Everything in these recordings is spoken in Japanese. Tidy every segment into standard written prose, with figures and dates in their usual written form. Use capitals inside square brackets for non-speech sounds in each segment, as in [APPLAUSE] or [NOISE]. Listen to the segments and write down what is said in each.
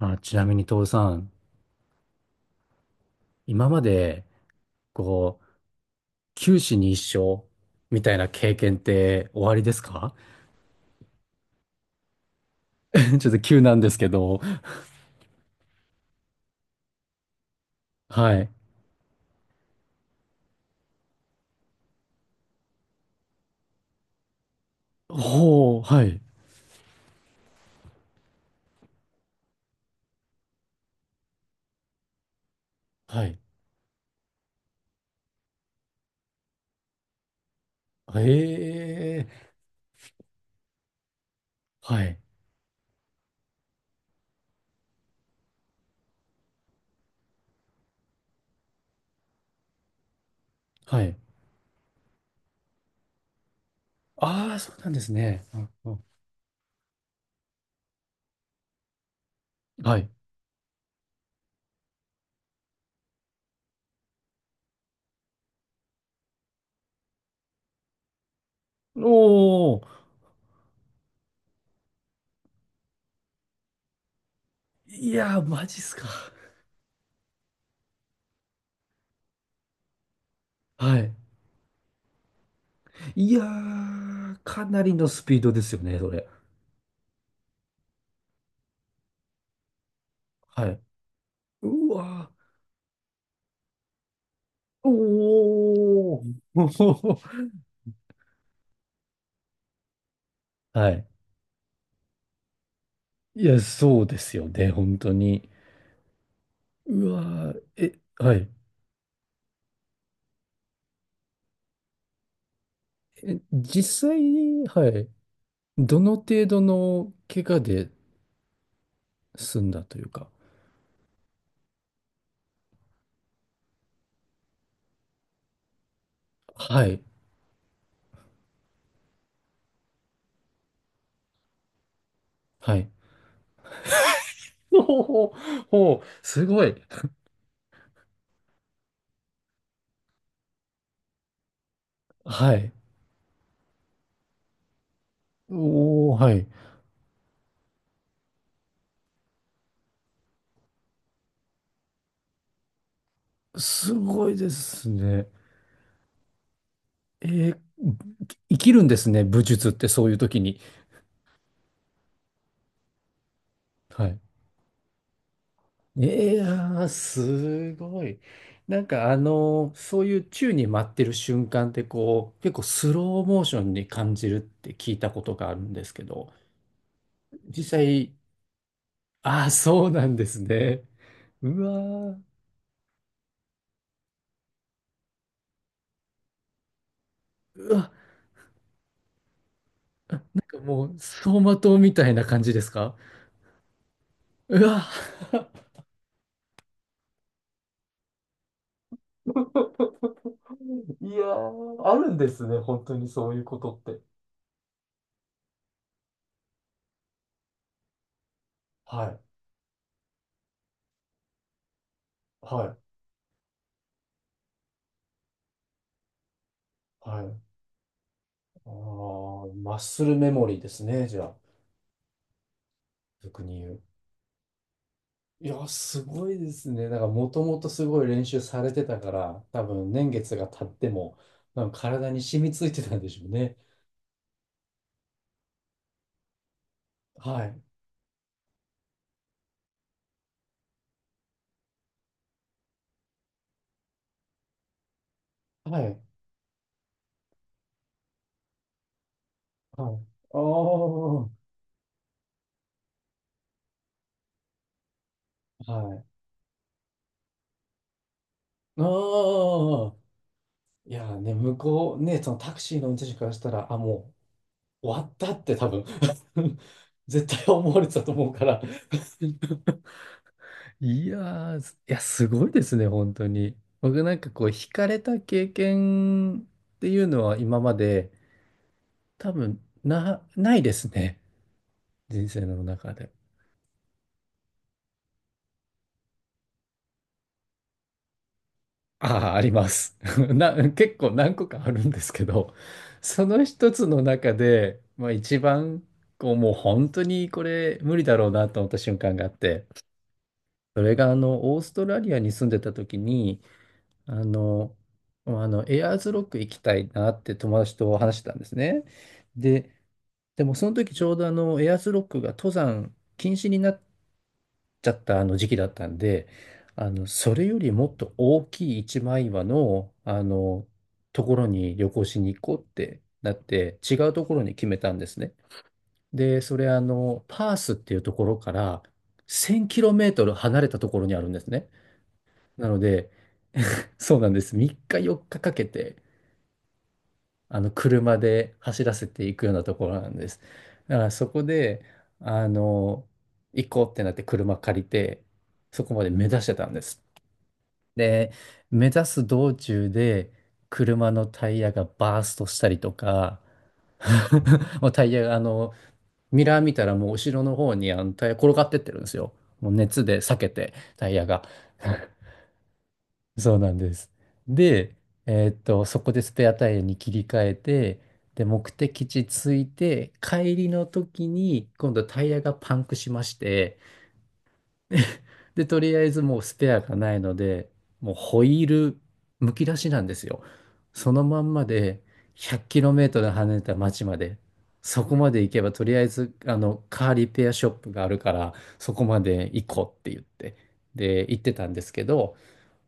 あ、ちなみに、徹さん、今まで、こう、九死に一生みたいな経験って終わりですか？ [LAUGHS] ちょっと急なんですけど、はい。ほう、はい、はい。ええ、はい、はい。ああ、そうなんですね。うんうん、はい。おー、いやー、マジっすか。はい。いやー、かなりのスピードですよね、それ。はい。うわー、おー、[LAUGHS] はい。いや、そうですよね、本当に。うわー、え、はい。え、実際に、はい。どの程度の怪我で済んだというか。はい。はい。[LAUGHS] ほうほう、ほう、すごい。はい。おー、はい。すごいですね。えー生きるんですね、武術ってそういう時に。はい。いやー、すごい。なんかあの、そういう宙に舞ってる瞬間ってこう、結構スローモーションに感じるって聞いたことがあるんですけど、実際、ああ、そうなんですね。うわー、うわ、なんかもう、走馬灯みたいな感じですか？うわ、 [LAUGHS] いやー、あるんですね、本当にそういうことって。はい、はい、はい。ああ、マッスルメモリーですね、じゃあ、俗に言う。いや、すごいですね。なんか、もともとすごい練習されてたから、多分年月が経っても、なんか体に染みついてたんでしょうね。はい。はい。はい。ああ、はい。ああ。いや、ね、向こう、ね、そのタクシーの運転手からしたら、あ、もう終わったって多分 [LAUGHS] 絶対思われてたと思うから。[LAUGHS] いやー、すごいですね、本当に。僕なんかこう、惹かれた経験っていうのは今まで、多分、ないですね。人生の中で。ああ、あります。[LAUGHS] 結構何個かあるんですけど、その一つの中で、まあ一番、こう、もう本当にこれ無理だろうなと思った瞬間があって、それがオーストラリアに住んでた時に、あの、まあの、エアーズロック行きたいなって友達と話してたんですね。で、でもその時ちょうどエアーズロックが登山禁止になっちゃったあの時期だったんで、それよりもっと大きい一枚岩の、ところに旅行しに行こうってなって、違うところに決めたんですね。で、それパースっていうところから1000キロメートル離れたところにあるんですね。なので、[LAUGHS] そうなんです。3日4日かかけて、車で走らせていくようなところなんです。だからそこで、あの、行こうってなって車借りて、そこまで目指してたんです。で、目指す道中で車のタイヤがバーストしたりとか、[LAUGHS] もうタイヤが、ミラー見たらもう後ろの方にあのタイヤ転がってってるんですよ。もう熱で裂けて、タイヤが。そうなんです。で、そこでスペアタイヤに切り替えて、で、目的地着いて、帰りの時に今度タイヤがパンクしまして、[LAUGHS] で、とりあえずもうスペアがないので、もうホイールむき出しなんですよ。そのまんまで 100km 離れた町まで、そこまで行けばとりあえずあのカーリペアショップがあるから、そこまで行こうって言って、で、行ってたんですけど、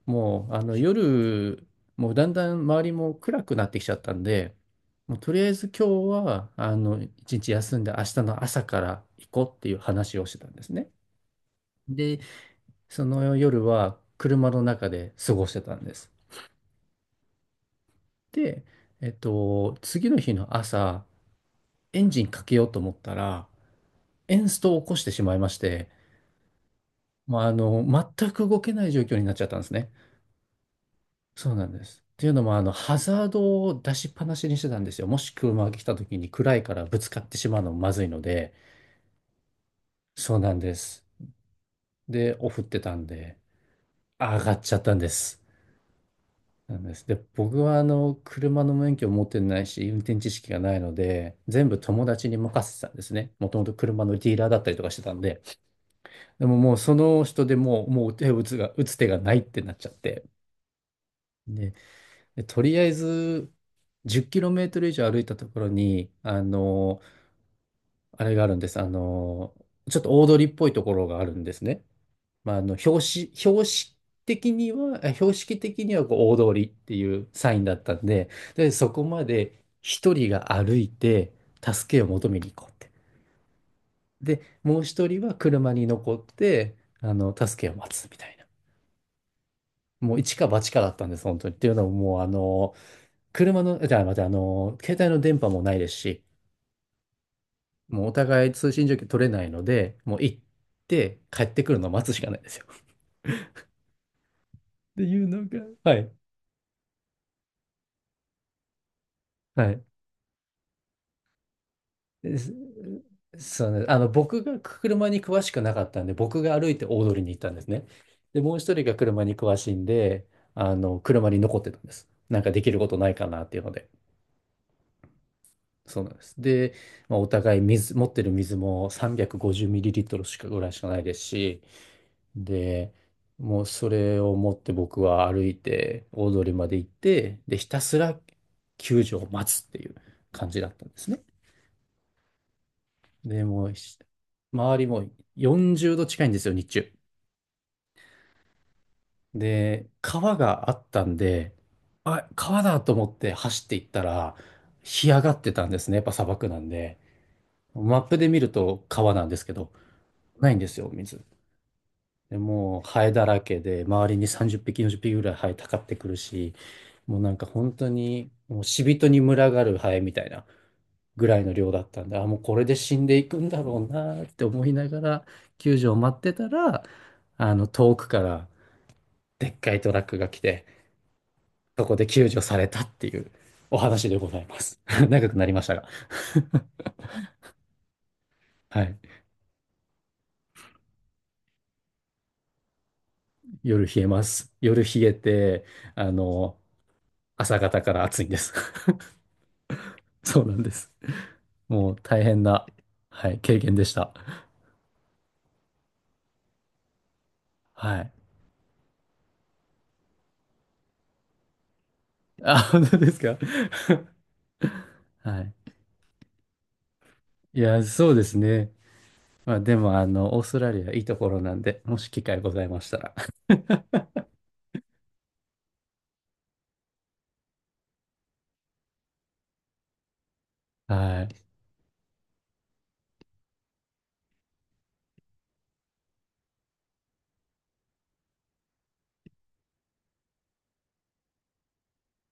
もうあの夜、もうだんだん周りも暗くなってきちゃったんで、もうとりあえず今日はあの一日休んで明日の朝から行こうっていう話をしてたんですね。で、その夜は車の中で過ごしてたんです。で、次の日の朝、エンジンかけようと思ったら、エンストを起こしてしまいまして、まあ、全く動けない状況になっちゃったんですね。そうなんです。っていうのも、ハザードを出しっぱなしにしてたんですよ。もし車が来た時に暗いからぶつかってしまうのもまずいので、そうなんです。で、オフってたんで、上がっちゃったんです。なんです。で、僕は車の免許を持ってないし、運転知識がないので、全部友達に任せてたんですね。もともと車のディーラーだったりとかしてたんで。でももうその人でもう手を打つが、打つ手がないってなっちゃって。で、とりあえず、10キロメートル以上歩いたところに、あれがあるんです。ちょっと大通りっぽいところがあるんですね。まあ、標識的にはこう大通りっていうサインだったんで、で、そこまで一人が歩いて助けを求めに行こうって。で、もう一人は車に残って、助けを待つみたいな。もう一か八かだったんです、本当に。っていうのももう、あの、車の、じゃあ、また、あの、携帯の電波もないですし、もうお互い通信状況取れないので、もう行って帰ってくるのを待つしかないですよ。っていうのが、はい。はい、です。そうね、僕が車に詳しくなかったんで、僕が歩いて大通りに行ったんですね。で、もう一人が車に詳しいんで、車に残ってたんです。なんかできることないかなっていうので。そうなんです。で、まあ、お互い水、持ってる水も 350ml しかぐらいしかないですし、で、もうそれを持って僕は歩いて大通りまで行って、で、ひたすら救助を待つっていう感じだったんですね。で、もう周りも40度近いんですよ、日中。で、川があったんで、あ、川だと思って走っていったら、干上がってたんですね。やっぱ砂漠なんで。マップで見ると川なんですけど、ないんですよ、水。で、もうハエだらけで、周りに30匹、40匹ぐらいハエたかってくるし、もうなんか本当に、もう死人に群がるハエみたいなぐらいの量だったんで、あ、もうこれで死んでいくんだろうなって思いながら、救助を待ってたら、遠くからでっかいトラックが来て、そこで救助されたっていうお話でございます。[LAUGHS] 長くなりましたが。[LAUGHS] はい。夜冷えます。夜冷えて、あの、朝方から暑いんです。[LAUGHS] そうなんです。もう大変な、はい、経験でした。はい。あ、本当ですか？ [LAUGHS] はい。いや、そうですね。まあ、でも、オーストラリアいいところなんで、もし機会ございましたら。[LAUGHS] はい。